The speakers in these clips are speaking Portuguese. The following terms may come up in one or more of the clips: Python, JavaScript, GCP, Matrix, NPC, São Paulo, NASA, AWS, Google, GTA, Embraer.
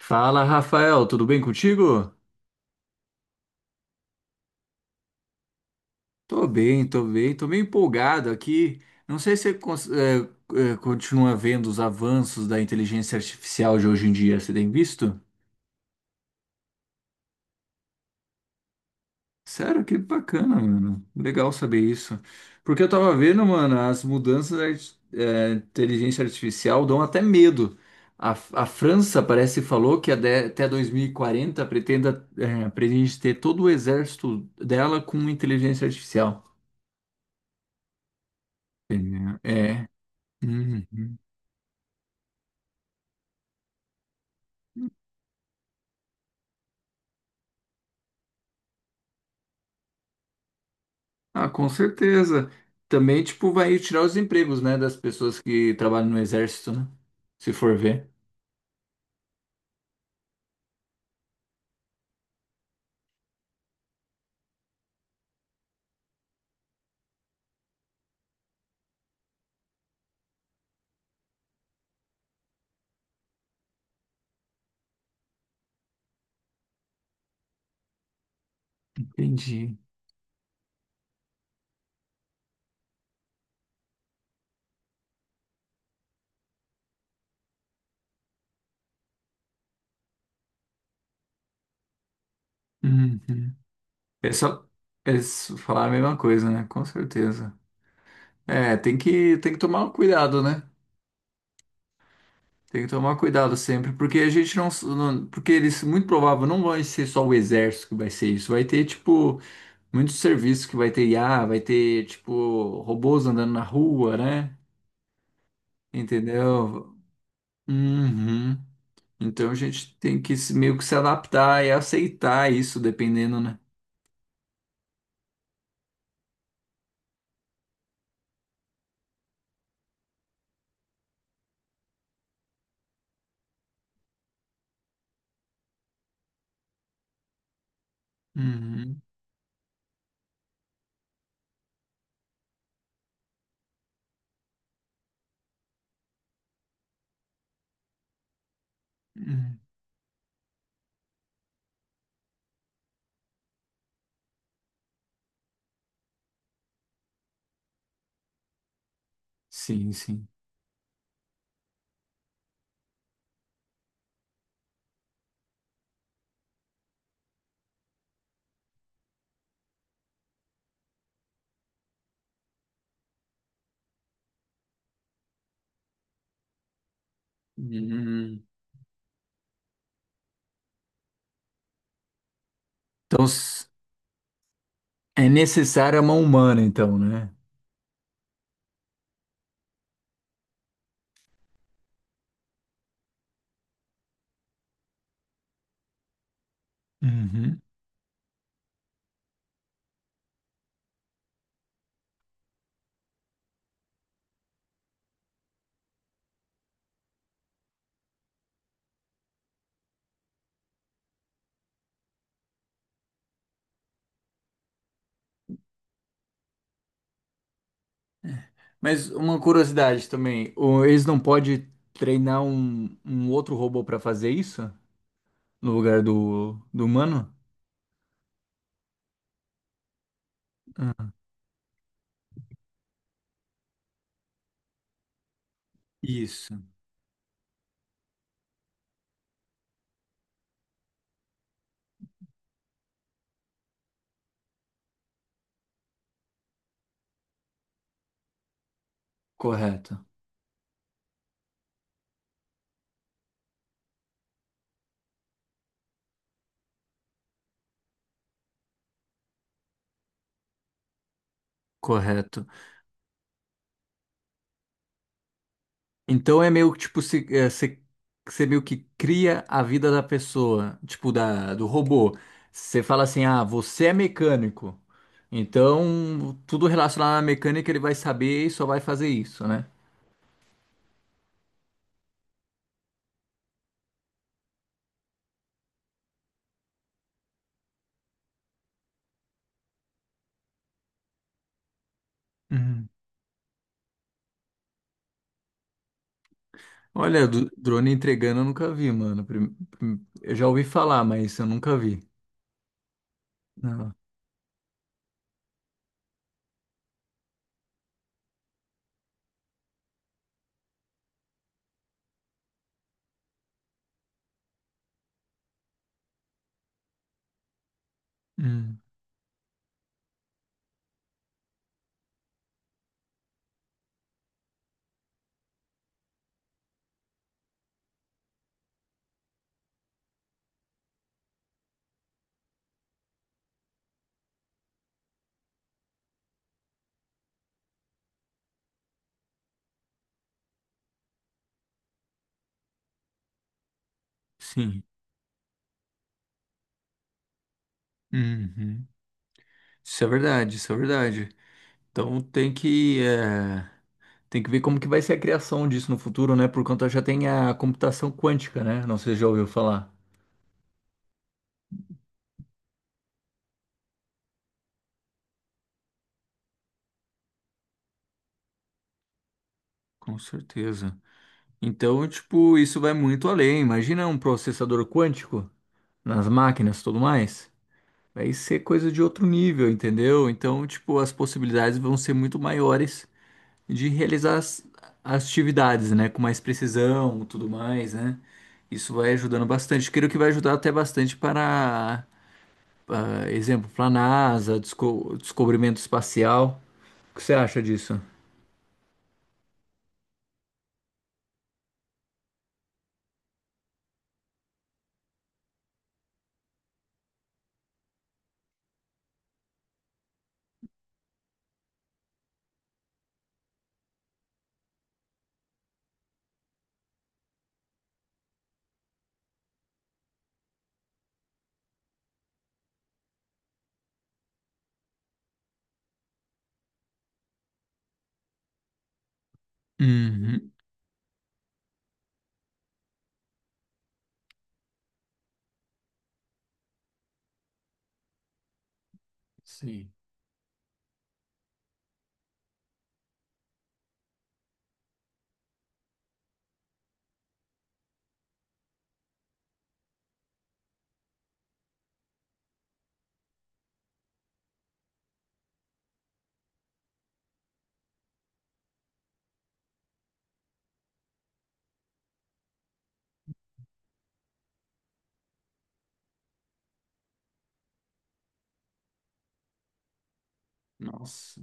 Fala, Rafael, tudo bem contigo? Tô bem, tô bem, tô meio empolgado aqui. Não sei se você continua vendo os avanços da inteligência artificial de hoje em dia. Você tem visto? Sério, que bacana, mano. Legal saber isso. Porque eu tava vendo, mano, as mudanças da inteligência artificial dão até medo. A França parece falou que até 2040 pretende ter todo o exército dela com inteligência artificial. Entendeu? É. Uhum. Ah, com certeza. Também, tipo, vai tirar os empregos, né, das pessoas que trabalham no exército, né? Se for ver. Entendi. Uhum. É só é só falar a mesma coisa, né? Com certeza. É, tem que tomar cuidado, né? Tem que tomar cuidado sempre, porque a gente porque eles muito provável não vai ser só o exército que vai ser isso, vai ter tipo muitos serviços que vai ter IA, vai ter tipo robôs andando na rua, né? Entendeu? Uhum. Então a gente tem que se- meio que se adaptar e aceitar isso, dependendo, né? Uhum, uhum. Sim, sim. Uhum. Então s- é necessária a mão humana, então, né? Uhum. Mas uma curiosidade também, eles não podem treinar um outro robô para fazer isso no lugar do humano? Isso. Correto, correto. Então é meio que tipo, se, é, se- você meio que cria a vida da pessoa, tipo, do robô. Você fala assim, ah, você é mecânico. Então, tudo relacionado à mecânica ele vai saber e só vai fazer isso, né? Uhum. Olha, drone entregando eu nunca vi, mano. Eu já ouvi falar, mas eu nunca vi. Não. Uhum. Sim. Uhum. Isso é verdade, isso é verdade. Então tem tem que ver como que vai ser a criação disso no futuro, né? Por conta já tem a computação quântica, né? Não sei se já ouviu falar. Com certeza. Então, tipo, isso vai muito além. Imagina um processador quântico nas máquinas e tudo mais. Vai ser coisa de outro nível, entendeu? Então, tipo, as possibilidades vão ser muito maiores de realizar as atividades, né? Com mais precisão, tudo mais, né? Isso vai ajudando bastante. Creio que vai ajudar até bastante para ah, exemplo, para a NASA, descobrimento espacial. O que você acha disso? Uhum. Sim. Nossa,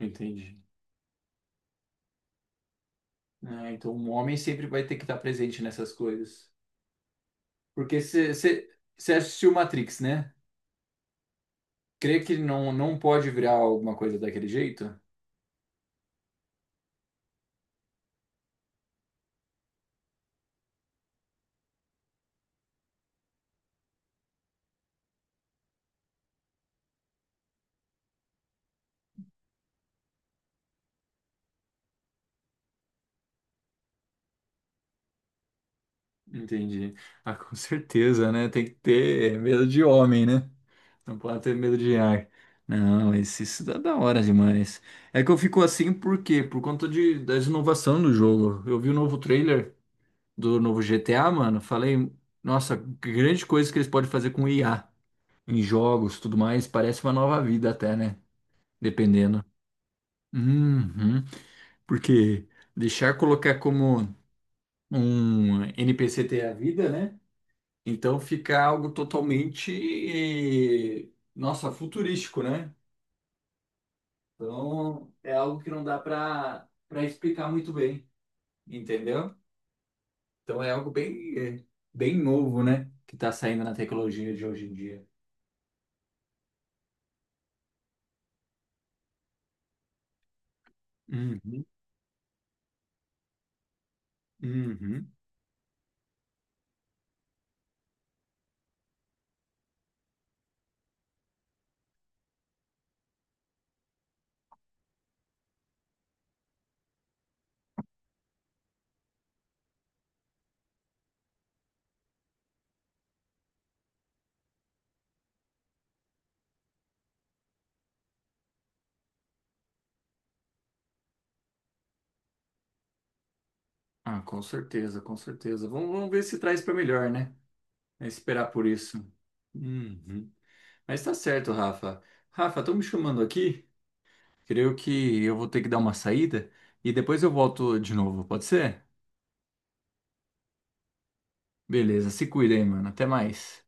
entendi. Ah, então, o homem sempre vai ter que estar presente nessas coisas. Porque você assistiu Matrix, né? Crê que não pode virar alguma coisa daquele jeito? Entendi. Ah, com certeza, né? Tem que ter medo de homem, né? Não pode ter medo de ar. Não, esse, isso dá da hora demais. É que eu fico assim por quê? Por conta da inovação do jogo. Eu vi o novo trailer do novo GTA, mano. Falei, nossa, que grande coisa que eles podem fazer com IA em jogos, tudo mais. Parece uma nova vida até, né? Dependendo. Uhum. Porque deixar colocar como um NPC ter a vida, né? Então fica algo totalmente, eh, nossa, futurístico, né? Então, é algo que não dá para explicar muito bem, entendeu? Então, é algo bem novo, né? Que está saindo na tecnologia de hoje em dia. Uhum, uhum. Ah, com certeza, com certeza. Vamos, vamos ver se traz para melhor, né? É esperar por isso. Uhum. Mas tá certo, Rafa. Rafa, estão me chamando aqui. Creio que eu vou ter que dar uma saída e depois eu volto de novo, pode ser? Beleza, se cuida aí, mano. Até mais.